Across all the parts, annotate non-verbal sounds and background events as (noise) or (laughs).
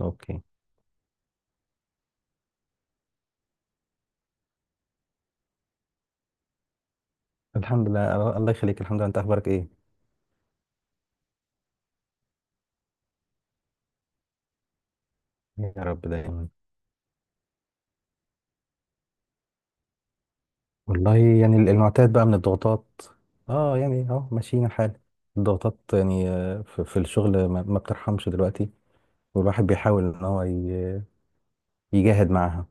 اوكي. الحمد لله. الله يخليك. الحمد لله. انت اخبارك ايه؟ يا رب دايما. والله الحمد يعني لله المعتاد بقى من الضغوطات. اه يعني اهو ماشيين الحال. الضغوطات يعني، في الشغل ما بترحمش دلوقتي. والواحد بيحاول ان هو يجاهد معاها.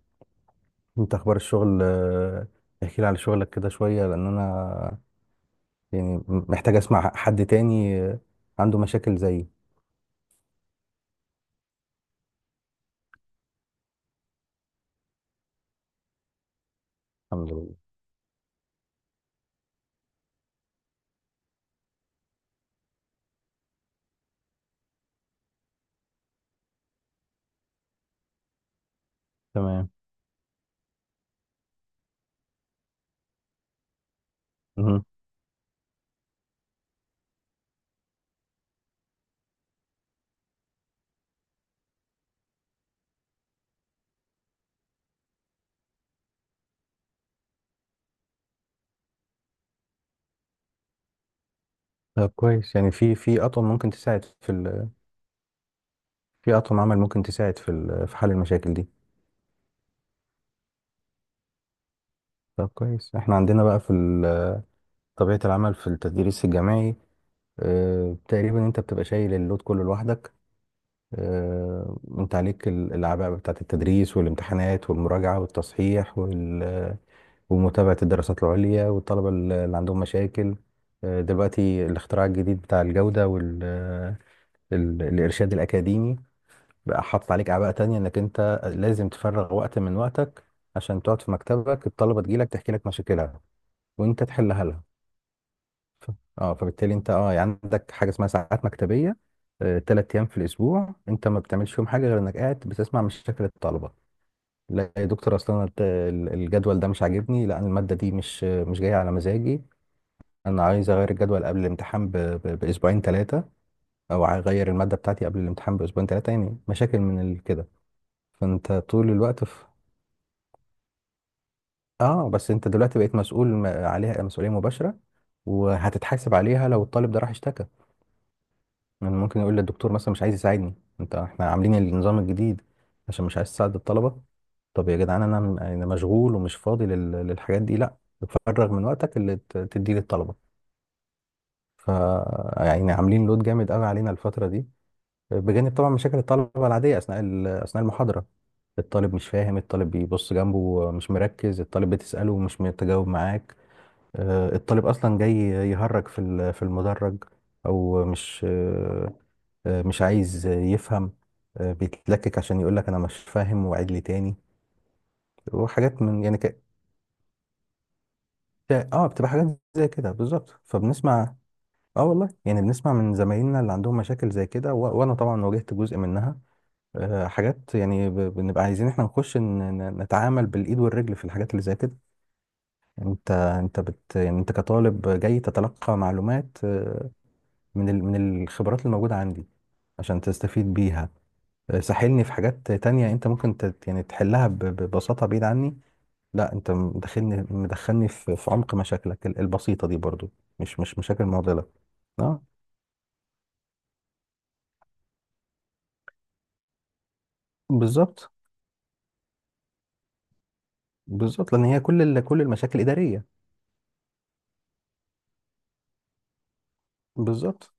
انت اخبار الشغل؟ احكي لي على شغلك كده شوية، لان انا يعني محتاج اسمع حد تاني، عنده مشاكل زيي. الحمد لله. تمام. مهم. طب كويس، يعني في اطقم ممكن تساعد في. في أطقم عمل ممكن تساعد في في حل المشاكل دي. طب كويس، احنا عندنا بقى في طبيعة العمل في التدريس الجامعي. اه تقريبا انت بتبقى شايل اللود كله لوحدك. اه انت عليك الأعباء بتاعة التدريس والامتحانات والمراجعة والتصحيح ومتابعة الدراسات العليا والطلبة اللي عندهم مشاكل. دلوقتي الاختراع الجديد بتاع الجودة والإرشاد الأكاديمي بقى حاطط عليك اعباء تانية، انك انت لازم تفرغ وقت من وقتك عشان تقعد في مكتبك، الطلبة تجيلك تحكي لك مشاكلها وانت تحلها لها. ف- اه فبالتالي انت يعني عندك حاجة اسمها ساعات مكتبية. تلات ايام في الاسبوع انت ما بتعملش فيهم حاجة غير انك قاعد بتسمع مشاكل الطلبة. لا يا دكتور، اصلا أنا الجدول ده مش عاجبني، لا أنا المادة دي مش جاية على مزاجي. انا عايز اغير الجدول قبل الامتحان باسبوعين ثلاثة، او اغير المادة بتاعتي قبل الامتحان باسبوعين ثلاثة، يعني مشاكل من كده. فانت طول الوقت في. اه بس انت دلوقتي بقيت مسؤول عليها مسؤولية مباشرة، وهتتحاسب عليها لو الطالب ده راح اشتكى. يعني ممكن يقول للدكتور مثلا مش عايز يساعدني، انت احنا عاملين النظام الجديد عشان مش عايز تساعد الطلبة. طب يا جدعان، انا انا مشغول ومش فاضي للحاجات دي. لا، تفرغ من وقتك اللي تديه للطلبة. ف يعني عاملين لود جامد قوي علينا الفترة دي، بجانب طبعا مشاكل الطلبة العادية اثناء اثناء المحاضرة. الطالب مش فاهم، الطالب بيبص جنبه مش مركز، الطالب بتسأله ومش متجاوب معاك. الطالب اصلا جاي يهرج في في المدرج، او مش، مش عايز يفهم. بيتلكك عشان يقول لك انا مش فاهم وعيد لي تاني. وحاجات من يعني اه بتبقى حاجات زي كده بالظبط، فبنسمع. اه والله يعني بنسمع من زمايلنا اللي عندهم مشاكل زي كده وانا طبعا واجهت جزء منها. حاجات يعني بنبقى عايزين احنا نخش نتعامل بالايد والرجل في الحاجات اللي زي كده. انت يعني انت كطالب جاي تتلقى معلومات من من الخبرات الموجودة عندي عشان تستفيد بيها. ساحلني في حاجات تانية انت ممكن يعني تحلها ببساطة بعيد عني. لا، انت مدخلني في عمق مشاكلك البسيطة دي برضو. مش مشاكل معضلة. اه بالظبط. بالظبط لان هي كل كل المشاكل إدارية. بالظبط.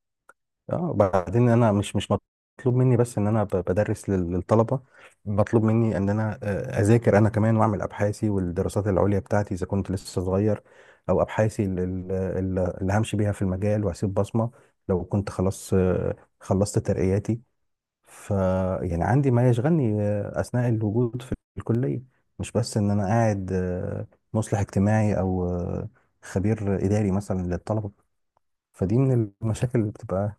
اه بعدين انا مش مطلوب مني بس ان انا بدرس للطلبه. مطلوب مني ان انا اذاكر انا كمان، واعمل ابحاثي والدراسات العليا بتاعتي اذا كنت لسه صغير، او ابحاثي اللي همشي بيها في المجال وهسيب بصمه لو كنت خلاص خلصت ترقياتي. ف يعني عندي ما يشغلني اثناء الوجود في الكليه، مش بس ان انا قاعد مصلح اجتماعي او خبير اداري مثلا للطلبه. فدي من المشاكل اللي بتبقى.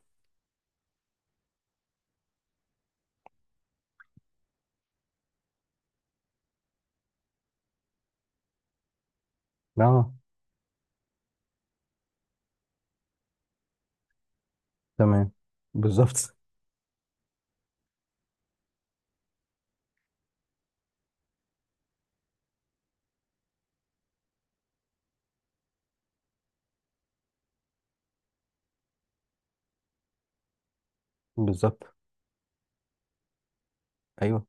اه، تمام، بالظبط، بالظبط، ايوه.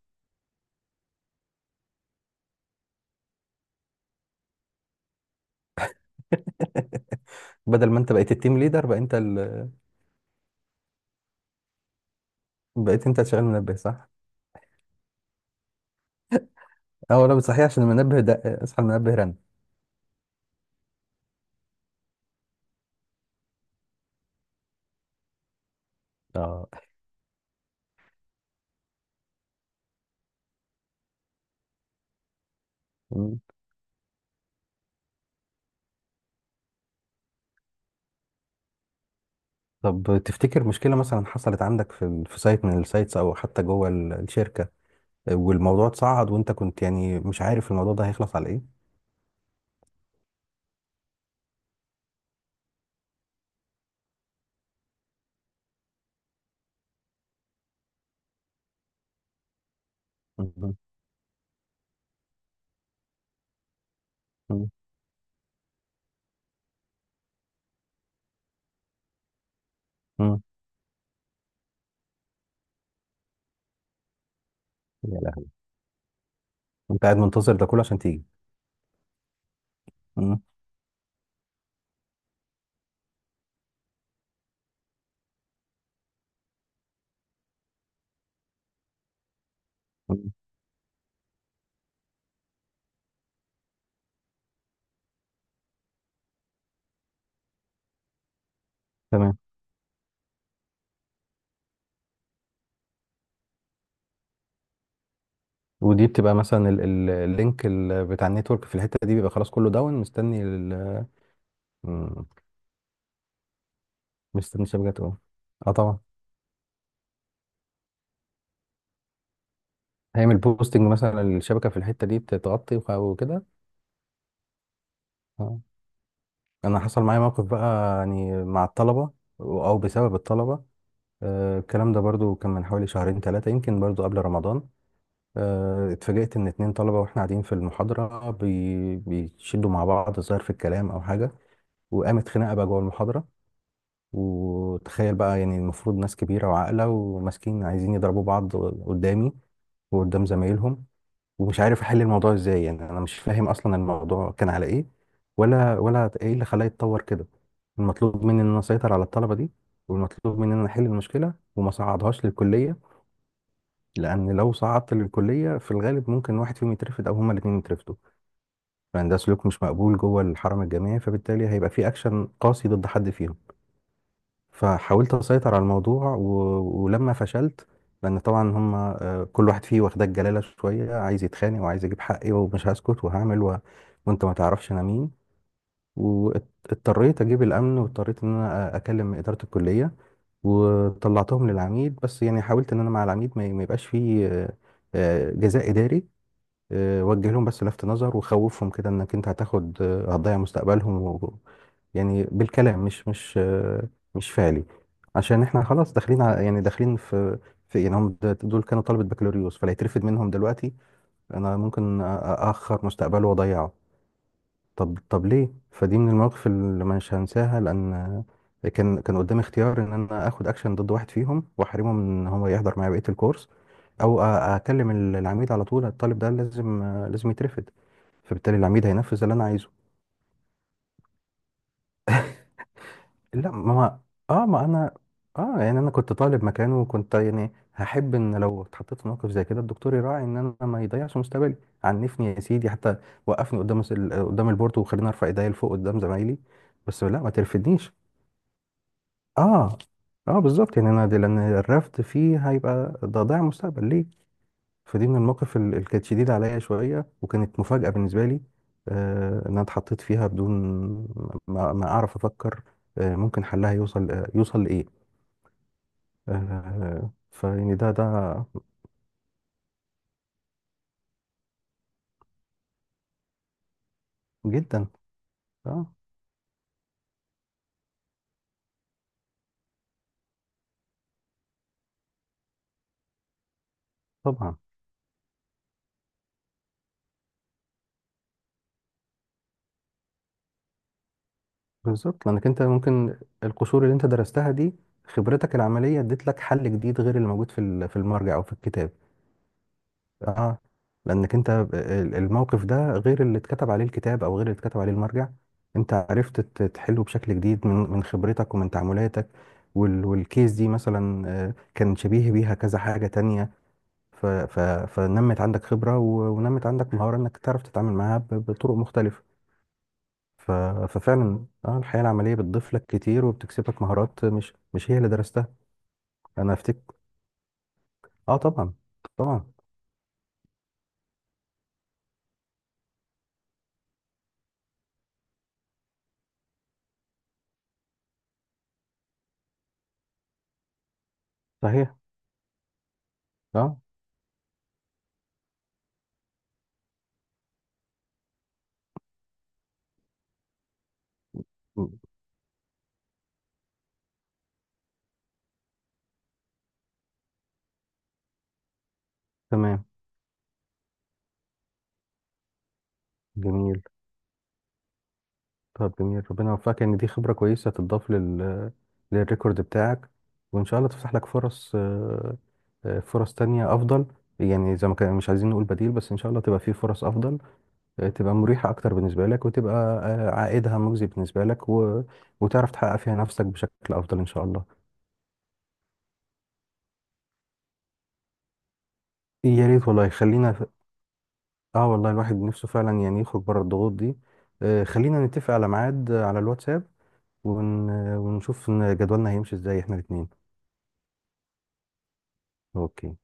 (laughs) بدل ما انت بقيت التيم ليدر بقى انت بقيت انت شغال منبه، صح. اه لا صحيح، عشان المنبه ده اصحى المنبه رن. اه. مم. طب تفتكر مشكله مثلا حصلت عندك في في سايت من السايتس، او حتى جوه الشركه، والموضوع اتصعد وانت كنت يعني مش عارف الموضوع ده هيخلص على ايه؟ مم. مم. مم. يا لهوي، انت قاعد منتظر ده كله عشان تيجي. مم. مم. تمام. ودي بتبقى مثلا اللينك بتاع النتورك في الحته دي، بيبقى خلاص كله داون، مستني مم، مستني الشبكه تقوم. اه طبعا، هيعمل بوستنج مثلا، الشبكه في الحته دي بتتغطي وكده. آه. انا حصل معايا موقف بقى يعني مع الطلبه، او بسبب الطلبه. الكلام ده برضو كان من حوالي شهرين ثلاثه يمكن، برضو قبل رمضان. اتفاجئت ان اتنين طلبه واحنا قاعدين في المحاضره بيشدوا مع بعض، ظاهر في الكلام او حاجه، وقامت خناقه بقى جوه المحاضره. وتخيل بقى يعني المفروض ناس كبيرة وعاقلة، وماسكين عايزين يضربوا بعض قدامي وقدام زمايلهم، ومش عارف احل الموضوع ازاي، يعني انا مش فاهم اصلا الموضوع كان على ايه، ولا ايه اللي خلاه يتطور كده. المطلوب مني ان انا اسيطر على الطلبة دي، والمطلوب مني ان انا احل المشكلة وما صعدهاش للكلية، لان لو صعدت للكلية في الغالب ممكن واحد فيهم يترفد او هما الاتنين يترفدوا، لان ده سلوك مش مقبول جوه الحرم الجامعي، فبالتالي هيبقى في اكشن قاسي ضد حد فيهم. فحاولت اسيطر على الموضوع ولما فشلت، لان طبعا هم كل واحد فيه واخدك جلاله شويه، عايز يتخانق، وعايز اجيب حقي ومش هسكت وهعمل، وانت ما تعرفش انا مين. واضطريت اجيب الامن، واضطريت ان انا اكلم اداره الكليه، وطلعتهم للعميد، بس يعني حاولت ان انا مع العميد ما يبقاش فيه جزاء اداري. وجه لهم بس لفت نظر، وخوفهم كده انك انت هتاخد هتضيع مستقبلهم يعني بالكلام، مش مش فعلي. عشان احنا خلاص داخلين على يعني داخلين في، في إيه، يعني هم دول كانوا طلبة بكالوريوس، فلا يترفد منهم دلوقتي، انا ممكن اخر مستقبله واضيعه. طب ليه، فدي من المواقف اللي مش هنساها، لان كان قدامي اختيار ان انا اخد اكشن ضد واحد فيهم واحرمه من ان هو يحضر معايا بقيه الكورس، او اكلم العميد على طول الطالب ده لازم يترفد، فبالتالي العميد هينفذ اللي انا عايزه. لا اه ما انا، اه يعني انا كنت طالب مكانه، وكنت يعني هحب ان لو اتحطيت في موقف زي كده الدكتور يراعي ان انا ما يضيعش مستقبلي. عنفني يا سيدي حتى، وقفني قدام قدام البورتو، وخليني ارفع ايديا لفوق قدام زمايلي، بس لا ما ترفدنيش. اه، اه بالظبط، يعني انا دي لان الرفض فيه هيبقى ده ضياع مستقبل ليه. فدي من المواقف اللي كانت شديده عليا شويه، وكانت مفاجاه بالنسبه لي، آه ان انا اتحطيت فيها بدون ما اعرف افكر آه ممكن حلها يوصل آه يوصل لايه. آه فيعني ده. جدا. اه طبعا. بالظبط، لانك انت ممكن، القشور اللي انت درستها دي، خبرتك العمليه اديت لك حل جديد غير اللي موجود في في المرجع او في الكتاب. اه لانك انت الموقف ده غير اللي اتكتب عليه الكتاب او غير اللي اتكتب عليه المرجع، انت عرفت تحله بشكل جديد من من خبرتك ومن تعاملاتك. والكيس دي مثلا كان شبيه بيها كذا حاجة تانية. ف- ف- فنمت عندك خبرة ونمت عندك مهارة انك تعرف تتعامل معاها بطرق مختلفة. ف- ففعلا اه الحياة العملية بتضيف لك كتير، وبتكسبك مهارات مش هي اللي درستها. انا افتكر، اه طبعا، طبعا، صحيح، اه م- تمام، جميل. طب جميل، ربنا يوفقك، ان دي خبرة كويسة تضاف للريكورد بتاعك. وان شاء الله تفتح لك فرص، فرص تانية افضل. يعني زي ما كان مش عايزين نقول بديل، بس ان شاء الله تبقى في فرص افضل، تبقى مريحة اكتر بالنسبة لك، وتبقى عائدها مجزي بالنسبة لك، وتعرف تحقق فيها نفسك بشكل افضل ان شاء الله. يا ريت والله، خلينا اه والله الواحد نفسه فعلا يعني يخرج بره الضغوط دي. خلينا نتفق على ميعاد على الواتساب ون... ونشوف إن جدولنا هيمشي ازاي احنا الاتنين. اوكي.